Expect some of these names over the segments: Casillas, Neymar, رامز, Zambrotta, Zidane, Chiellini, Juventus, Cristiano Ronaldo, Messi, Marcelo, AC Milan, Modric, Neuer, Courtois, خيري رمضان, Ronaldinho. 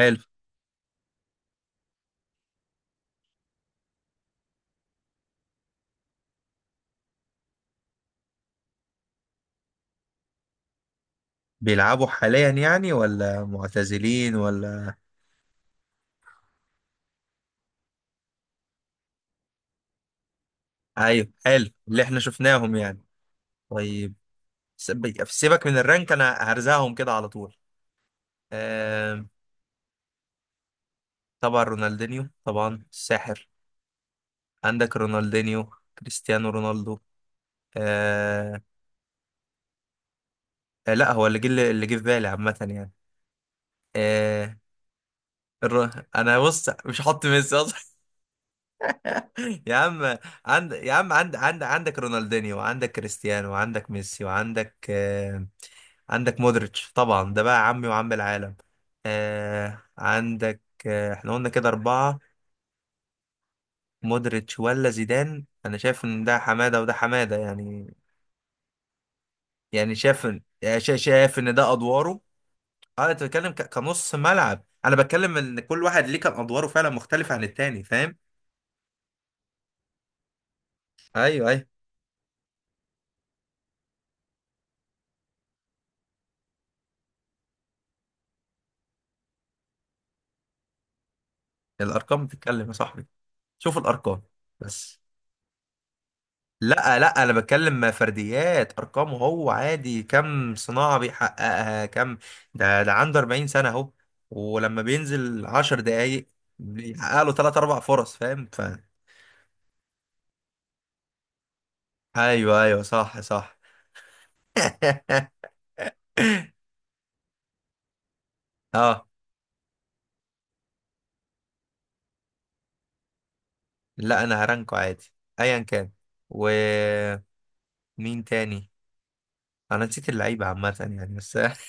حلو. بيلعبوا حاليا يعني ولا معتزلين ولا؟ ايوه، حلو، اللي احنا شفناهم يعني. طيب، سيبك من الرانك، انا هرزعهم كده على طول. آم، طبعا رونالدينيو، طبعا الساحر. عندك رونالدينيو، كريستيانو رونالدو. آه لا، هو اللي جه في بالي عامة يعني. آه انا بص، مش حاطط ميسي اصلا. يا عم، عندك رونالدينيو، وعندك كريستيانو، وعندك ميسي، وعندك عندك مودريتش، طبعا ده بقى عمي وعم العالم. عندك. احنا قلنا كده أربعة. مودريتش ولا زيدان؟ أنا شايف إن ده حمادة وده حمادة يعني. يعني شايف إن ده أدواره. أنت بتتكلم كنص ملعب، أنا بتكلم إن كل واحد ليه كان أدواره فعلا مختلفة عن التاني، فاهم؟ أيوه، أيوه. الأرقام بتتكلم يا صاحبي، شوف الأرقام. بس لا، لا، انا بتكلم فرديات، ارقامه هو عادي، كم صناعة بيحققها، كم؟ ده عنده 40 سنة اهو، ولما بينزل 10 دقايق بيحقق له 3 4 فرص، فاهم؟ ف... ايوه، ايوه، صح، صح. اه، لا انا هرانكو عادي. ايا كان. ومين تاني؟ انا نسيت اللعيبة عامة يعني، بس.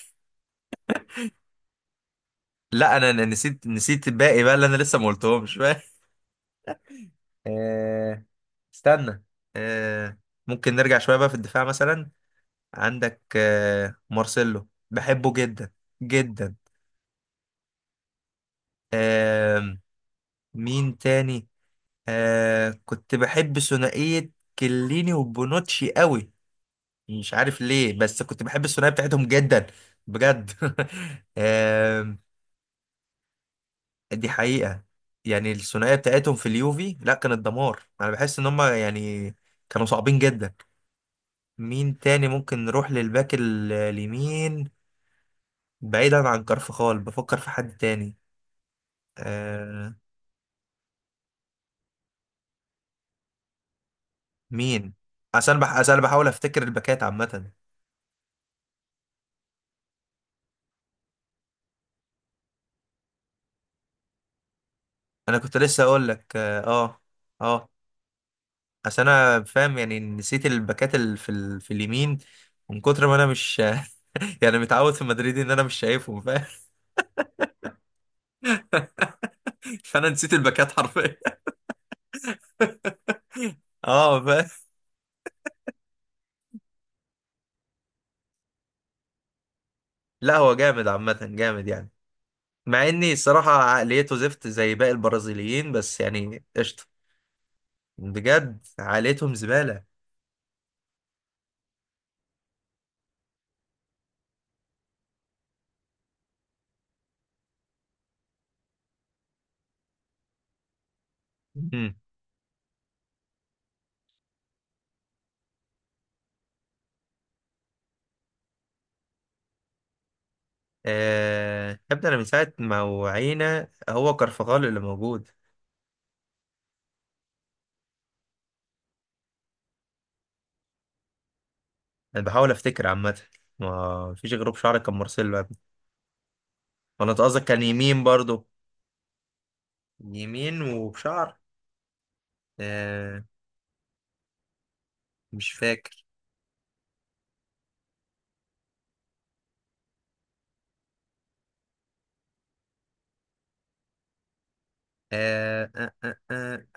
لا، انا نسيت الباقي بقى اللي انا لسه ما قلتهمش. آه، استنى، آه، ممكن نرجع شوية بقى في الدفاع مثلا. عندك مارسيلو، بحبه جدا جدا. آم، مين تاني؟ كنت بحب ثنائية كليني وبونوتشي قوي. مش عارف ليه، بس كنت بحب الثنائية بتاعتهم جدا. بجد. آم، دي حقيقة. يعني الثنائية بتاعتهم في اليوفي، لا كانت دمار، انا بحس ان هم يعني كانوا صعبين جدا. مين تاني؟ ممكن نروح للباك اليمين، بعيدا عن كارفخال، بفكر في حد تاني. آه مين؟ عشان بحاول افتكر الباكات عامة. انا كنت لسه اقول لك، اه، اه، آه. عشان انا فاهم، يعني نسيت الباكات في اليمين، من كتر ما انا مش... يعني متعود في مدريد ان انا مش شايفهم، فاهم؟ فانا نسيت الباكات حرفيا. اه، فاهم. لا هو جامد عامة، جامد يعني. مع اني الصراحة عقليته زفت زي باقي البرازيليين، بس يعني قشطة. بجد، عائلتهم زبالة. مم. يا ابني، أنا من ساعة ما وعينا هو كرفغال اللي موجود. أنا بحاول أفتكر عامة. ما فيش غيره بشعر، كان مارسيلو يا ابني. وأنا، أنت قصدك كان يمين برضو؟ يمين وبشعر. آه... مش فاكر. آه... آه... آه... آه.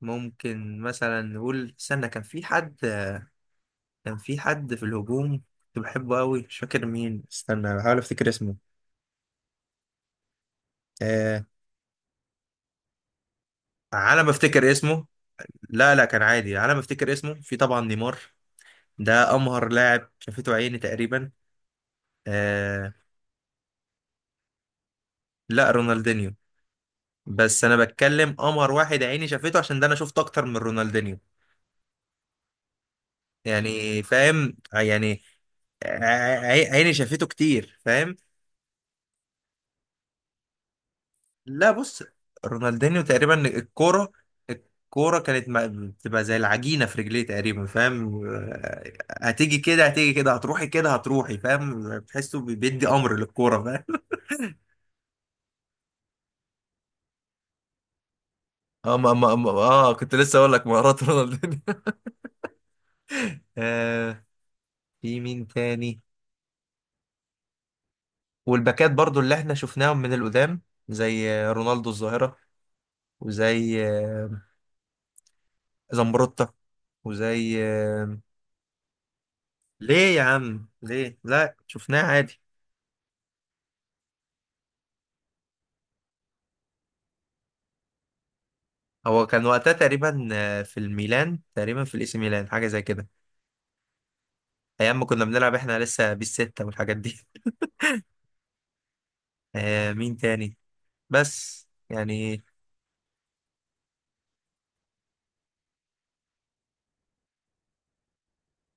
ممكن مثلا نقول، استنى، كان في حد. كان في حد في الهجوم، كنت بحبه أوي، مش فاكر مين، استنى بحاول أفتكر اسمه. آه... على ما أفتكر اسمه. لا، لا، كان عادي، على ما افتكر اسمه في طبعا نيمار. ده امهر لاعب شافته عيني تقريبا. آه لا، رونالدينيو. بس انا بتكلم امهر واحد عيني شافته، عشان ده انا شفت اكتر من رونالدينيو. يعني فاهم يعني. عيني شافته كتير، فاهم؟ لا بص، رونالدينيو تقريبا الكوره، الكوره كانت بتبقى زي العجينه في رجليه تقريبا، فاهم؟ هتيجي كده، هتيجي كده، هتروحي كده، هتروحي، فاهم؟ بتحسه بيدي امر للكوره، فاهم؟ اه، ما اه كنت لسه اقول لك مهارات رونالدينيو. آه في مين تاني؟ والباكات برضو اللي احنا شفناهم من القدام، زي رونالدو الظاهرة، وزي زمبروتا، وزي ليه يا عم ليه؟ لا، شفناه عادي. هو كان وقتها تقريبا في الميلان، تقريبا في الاي سي ميلان، حاجة زي كده. ايام ما كنا بنلعب احنا لسه بالستة والحاجات دي. مين تاني؟ بس يعني،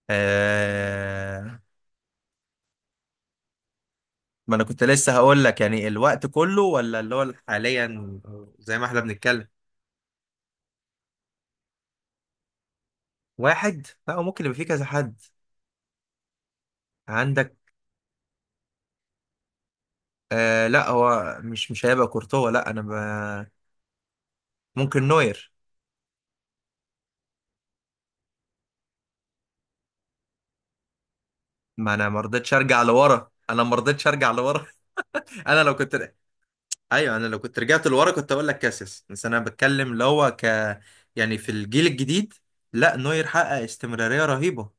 آه ما انا كنت لسه هقول لك، يعني الوقت كله ولا اللي هو حاليا، زي ما احنا بنتكلم؟ واحد، لا هو ممكن يبقى فيه كذا حد. عندك. لا، هو مش هيبقى كورتوا، لا انا ممكن نوير. ما انا ما رضيتش ارجع لورا، انا ما رضيتش ارجع لورا. انا لو كنت... ايوه انا لو كنت رجعت لورا كنت اقول لك كاسيس، بس انا بتكلم اللي هو ك... يعني في الجيل الجديد، لا نوير حقق استمرارية رهيبة،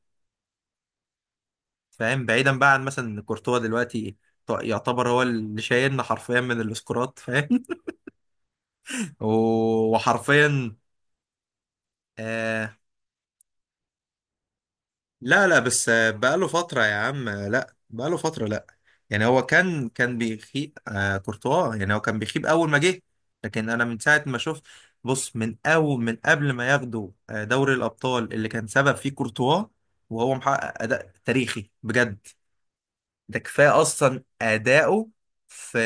فاهم؟ بعيدا بقى عن مثلا ان كورتوا دلوقتي يعتبر هو اللي شايلنا حرفيا من الاسكورات، فاهم؟ وحرفيا آه لا، لا، بس بقاله فترة يا عم، لا بقاله فترة، لا. يعني هو كان بيخيب كورتوا، يعني هو كان بيخيب أول ما جه. لكن أنا من ساعة ما شفت، بص، من أول، من قبل ما ياخدوا دوري الأبطال اللي كان سبب فيه كورتوا وهو محقق أداء تاريخي بجد. ده كفاية أصلا أداؤه في...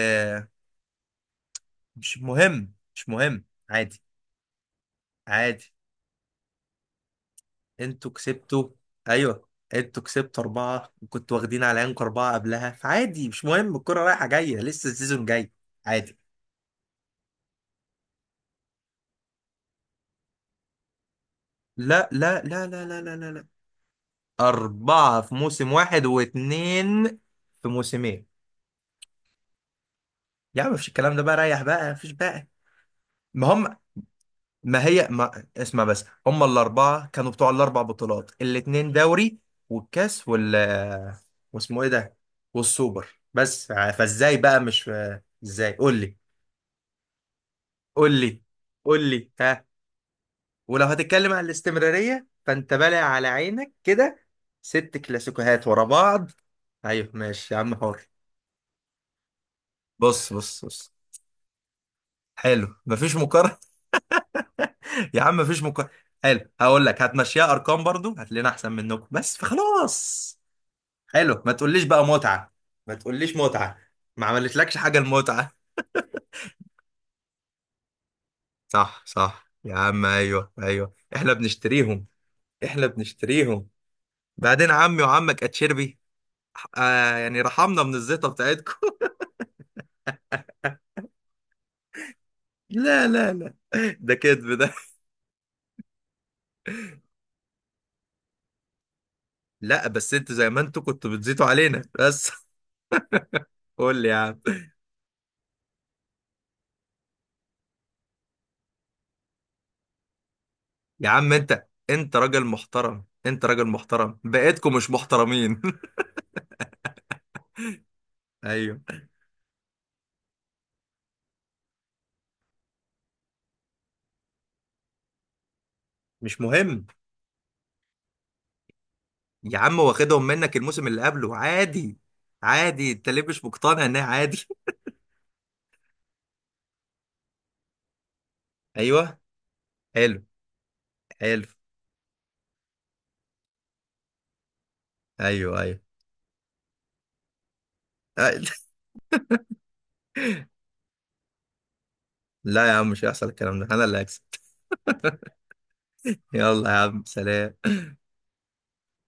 مش مهم، مش مهم. عادي. عادي، انتوا كسبتوا. ايوه، انتوا كسبتوا اربعة، وكنتوا واخدين على عينكم اربعة قبلها، فعادي مش مهم، الكرة رايحة جاية، لسه السيزون جاي. عادي. لا، لا، لا، لا، لا، لا، لا، لا. أربعة في موسم واحد، واتنين في موسمين. يا عم مفيش الكلام ده بقى، ريح بقى، مفيش بقى. ما هم، ما هي، ما اسمع بس، هم الأربعة كانوا بتوع الأربع بطولات، الاتنين دوري والكاس وال... واسمه إيه ده؟ والسوبر، بس فإزاي بقى مش... إزاي؟ قول لي. قول لي. قول لي ها. ولو هتتكلم عن الاستمرارية فأنت بالع على عينك كده. ست كلاسيكوهات ورا بعض. أيوه ماشي يا عم، حر. بص، بص، بص، حلو، مفيش مقارنة. يا عم مفيش مقارنة. حلو، هقول لك هتمشيها أرقام برضو هتلاقينا أحسن منكم، بس فخلاص. حلو، ما تقوليش بقى متعة، ما تقوليش متعة. ما عملتلكش حاجة المتعة. صح، صح، يا عم، ايوه، ايوه، احنا بنشتريهم. احنا بنشتريهم، بعدين عمي وعمك اتشربي. يعني رحمنا من الزيطة بتاعتكم. لا، لا، لا، ده كذب ده. لا، بس انتوا زي ما انتوا كنتوا بتزيتوا علينا بس. قول لي يا عم. يا عم، انت راجل محترم، انت راجل محترم، بقيتكم مش محترمين. ايوه، مش مهم. يا عم واخدهم منك الموسم اللي قبله، عادي. عادي، انت ليه مش مقتنع انها عادي؟ ايوه، حلو. حلو، ايوه، ايوه. لا يا عم، مش هيحصل الكلام ده، انا اللي هكسب. يلا يا عم، سلام.